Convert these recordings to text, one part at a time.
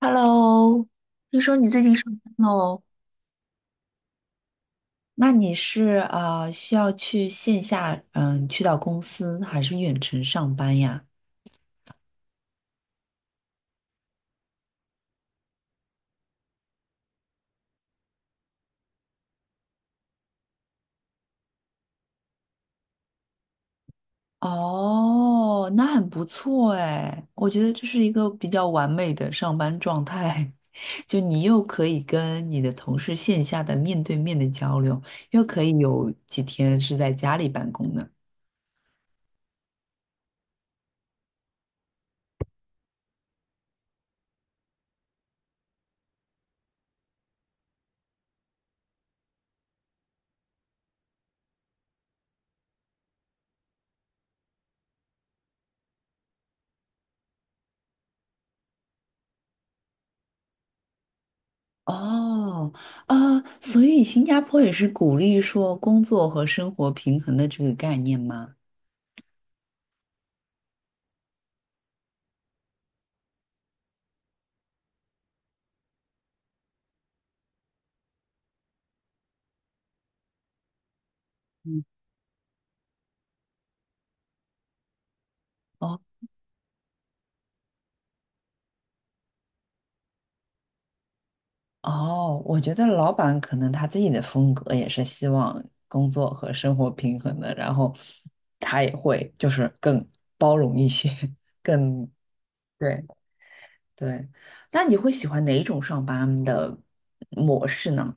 Hello，听说你最近上班喽？那你是需要去线下去到公司还是远程上班呀？哦，那很不错哎，我觉得这是一个比较完美的上班状态，就你又可以跟你的同事线下的面对面的交流，又可以有几天是在家里办公的。哦，啊，所以新加坡也是鼓励说工作和生活平衡的这个概念吗？哦哦，我觉得老板可能他自己的风格也是希望工作和生活平衡的，然后他也会就是更包容一些，更对对。那你会喜欢哪一种上班的模式呢？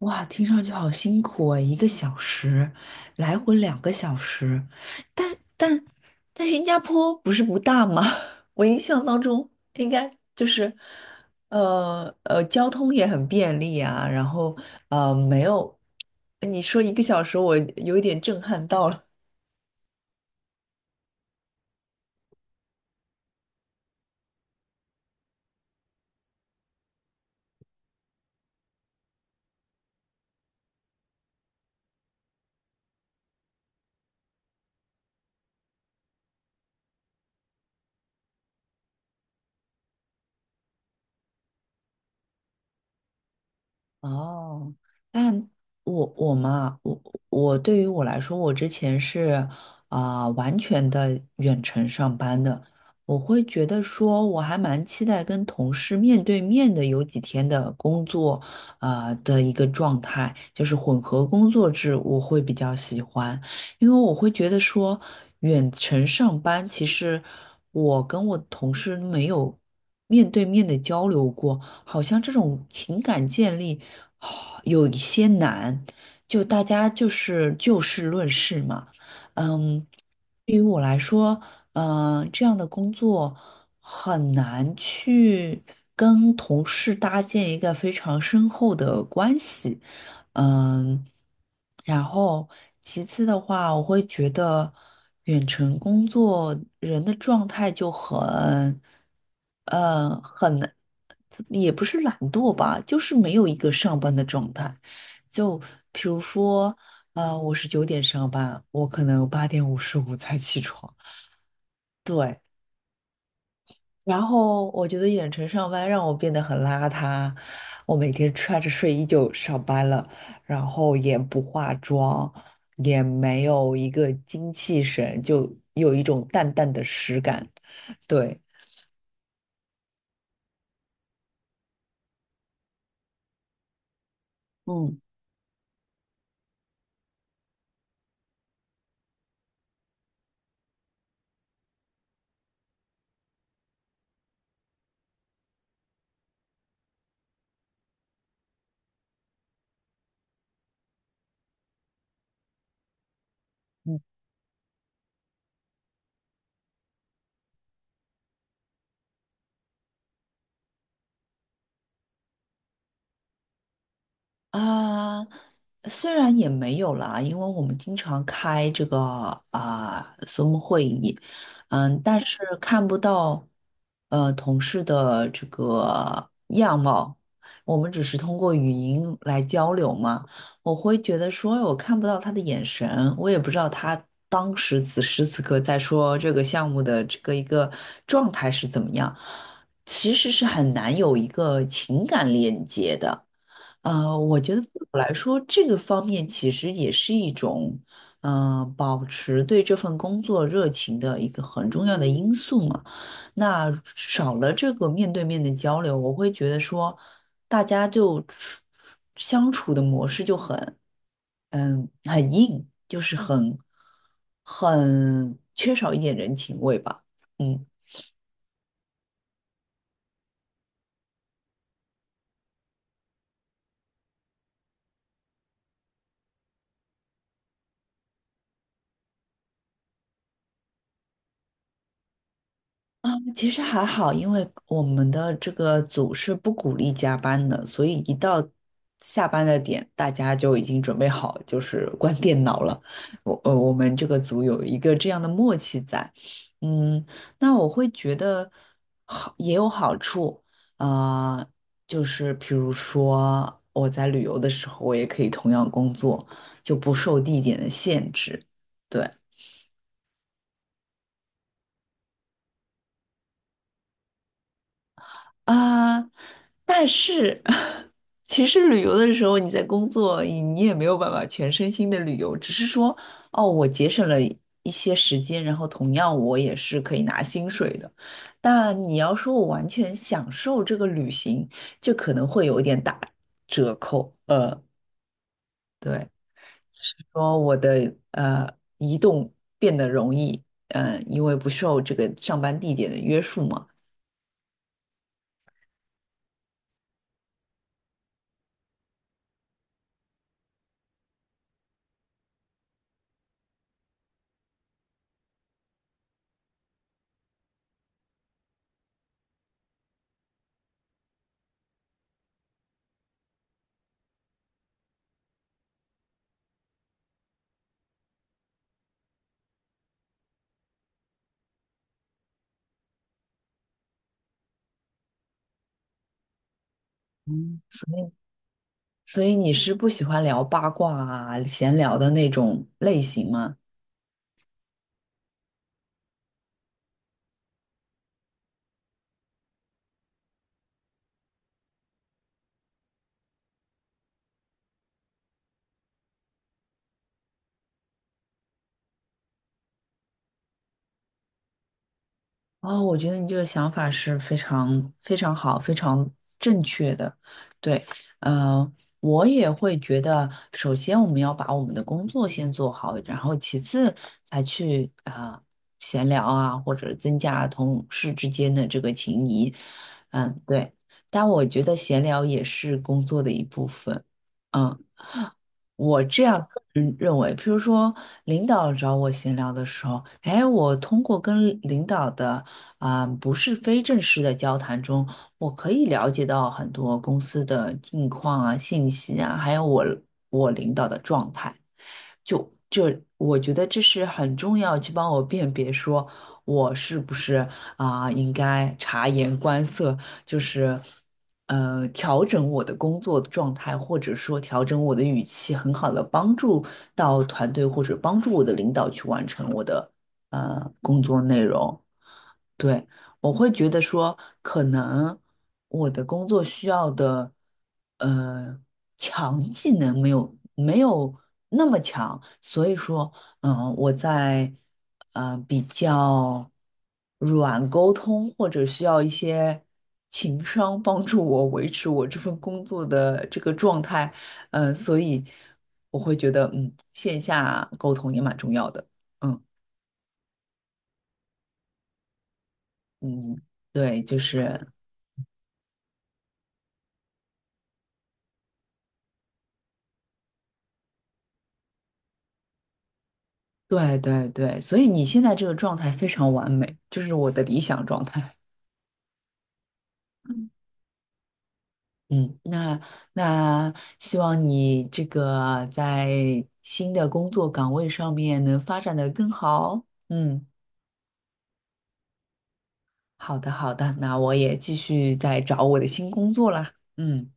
哇，听上去好辛苦啊！一个小时，来回2个小时，但但但新加坡不是不大吗？我印象当中应该就是，交通也很便利啊，然后没有，你说一个小时，我有一点震撼到了。哦，但我嘛，我对于我来说，我之前是完全的远程上班的，我会觉得说我还蛮期待跟同事面对面的有几天的工作的一个状态，就是混合工作制，我会比较喜欢，因为我会觉得说远程上班，其实我跟我同事没有面对面的交流过，好像这种情感建立。有一些难，就大家就是就事论事嘛。嗯，对于我来说，这样的工作很难去跟同事搭建一个非常深厚的关系。嗯，然后其次的话，我会觉得远程工作人的状态就很，很，也不是懒惰吧，就是没有一个上班的状态。就比如说，我是9点上班，我可能8:55才起床。对。然后我觉得远程上班让我变得很邋遢，我每天穿着睡衣就上班了，然后也不化妆，也没有一个精气神，就有一种淡淡的实感。对，嗯。啊，虽然也没有啦，因为我们经常开这个Zoom 会议，嗯，但是看不到同事的这个样貌，我们只是通过语音来交流嘛。我会觉得说，哎我看不到他的眼神，我也不知道他当时此时此刻在说这个项目的这个一个状态是怎么样，其实是很难有一个情感链接的。我觉得对我来说，这个方面其实也是一种，保持对这份工作热情的一个很重要的因素嘛。那少了这个面对面的交流，我会觉得说，大家就相处的模式就很，嗯，很硬，就是很缺少一点人情味吧。嗯。啊，其实还好，因为我们的这个组是不鼓励加班的，所以一到下班的点，大家就已经准备好，就是 关电脑了。我们这个组有一个这样的默契在。嗯，那我会觉得好也有好处，啊，就是比如说我在旅游的时候，我也可以同样工作，就不受地点的限制。对。啊，但是 其实旅游的时候你在工作，你也没有办法全身心的旅游，只是说哦，我节省了一些时间，然后同样我也是可以拿薪水的。但你要说我完全享受这个旅行，就可能会有一点打折扣。对，是说我的移动变得容易，因为不受这个上班地点的约束嘛。所以你是不喜欢聊八卦啊、闲聊的那种类型吗？哦，我觉得你这个想法是非常非常好、非常正确的。对，嗯，我也会觉得，首先我们要把我们的工作先做好，然后其次才去闲聊啊，或者增加同事之间的这个情谊。嗯，对。但我觉得闲聊也是工作的一部分。嗯。我这样个人认为，譬如说，领导找我闲聊的时候，哎，我通过跟领导的不是非正式的交谈中，我可以了解到很多公司的近况啊、信息啊，还有我领导的状态。就这，我觉得这是很重要，去帮我辨别说我是不是应该察言观色，就是调整我的工作状态，或者说调整我的语气，很好的帮助到团队或者帮助我的领导去完成我的工作内容。对，我会觉得说，可能我的工作需要的，呃，强技能没有那么强，所以说，嗯，我在比较软沟通或者需要一些情商帮助我维持我这份工作的这个状态，嗯，所以我会觉得，嗯，线下沟通也蛮重要的，嗯嗯，对，就是。对对对，所以你现在这个状态非常完美，就是我的理想状态。嗯，那希望你这个在新的工作岗位上面能发展的更好。嗯，好的好的，那我也继续在找我的新工作啦。嗯，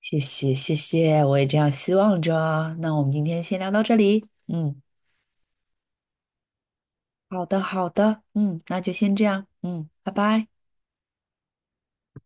谢谢谢谢，我也这样希望着。那我们今天先聊到这里。嗯，好的好的，嗯，那就先这样。嗯，拜拜。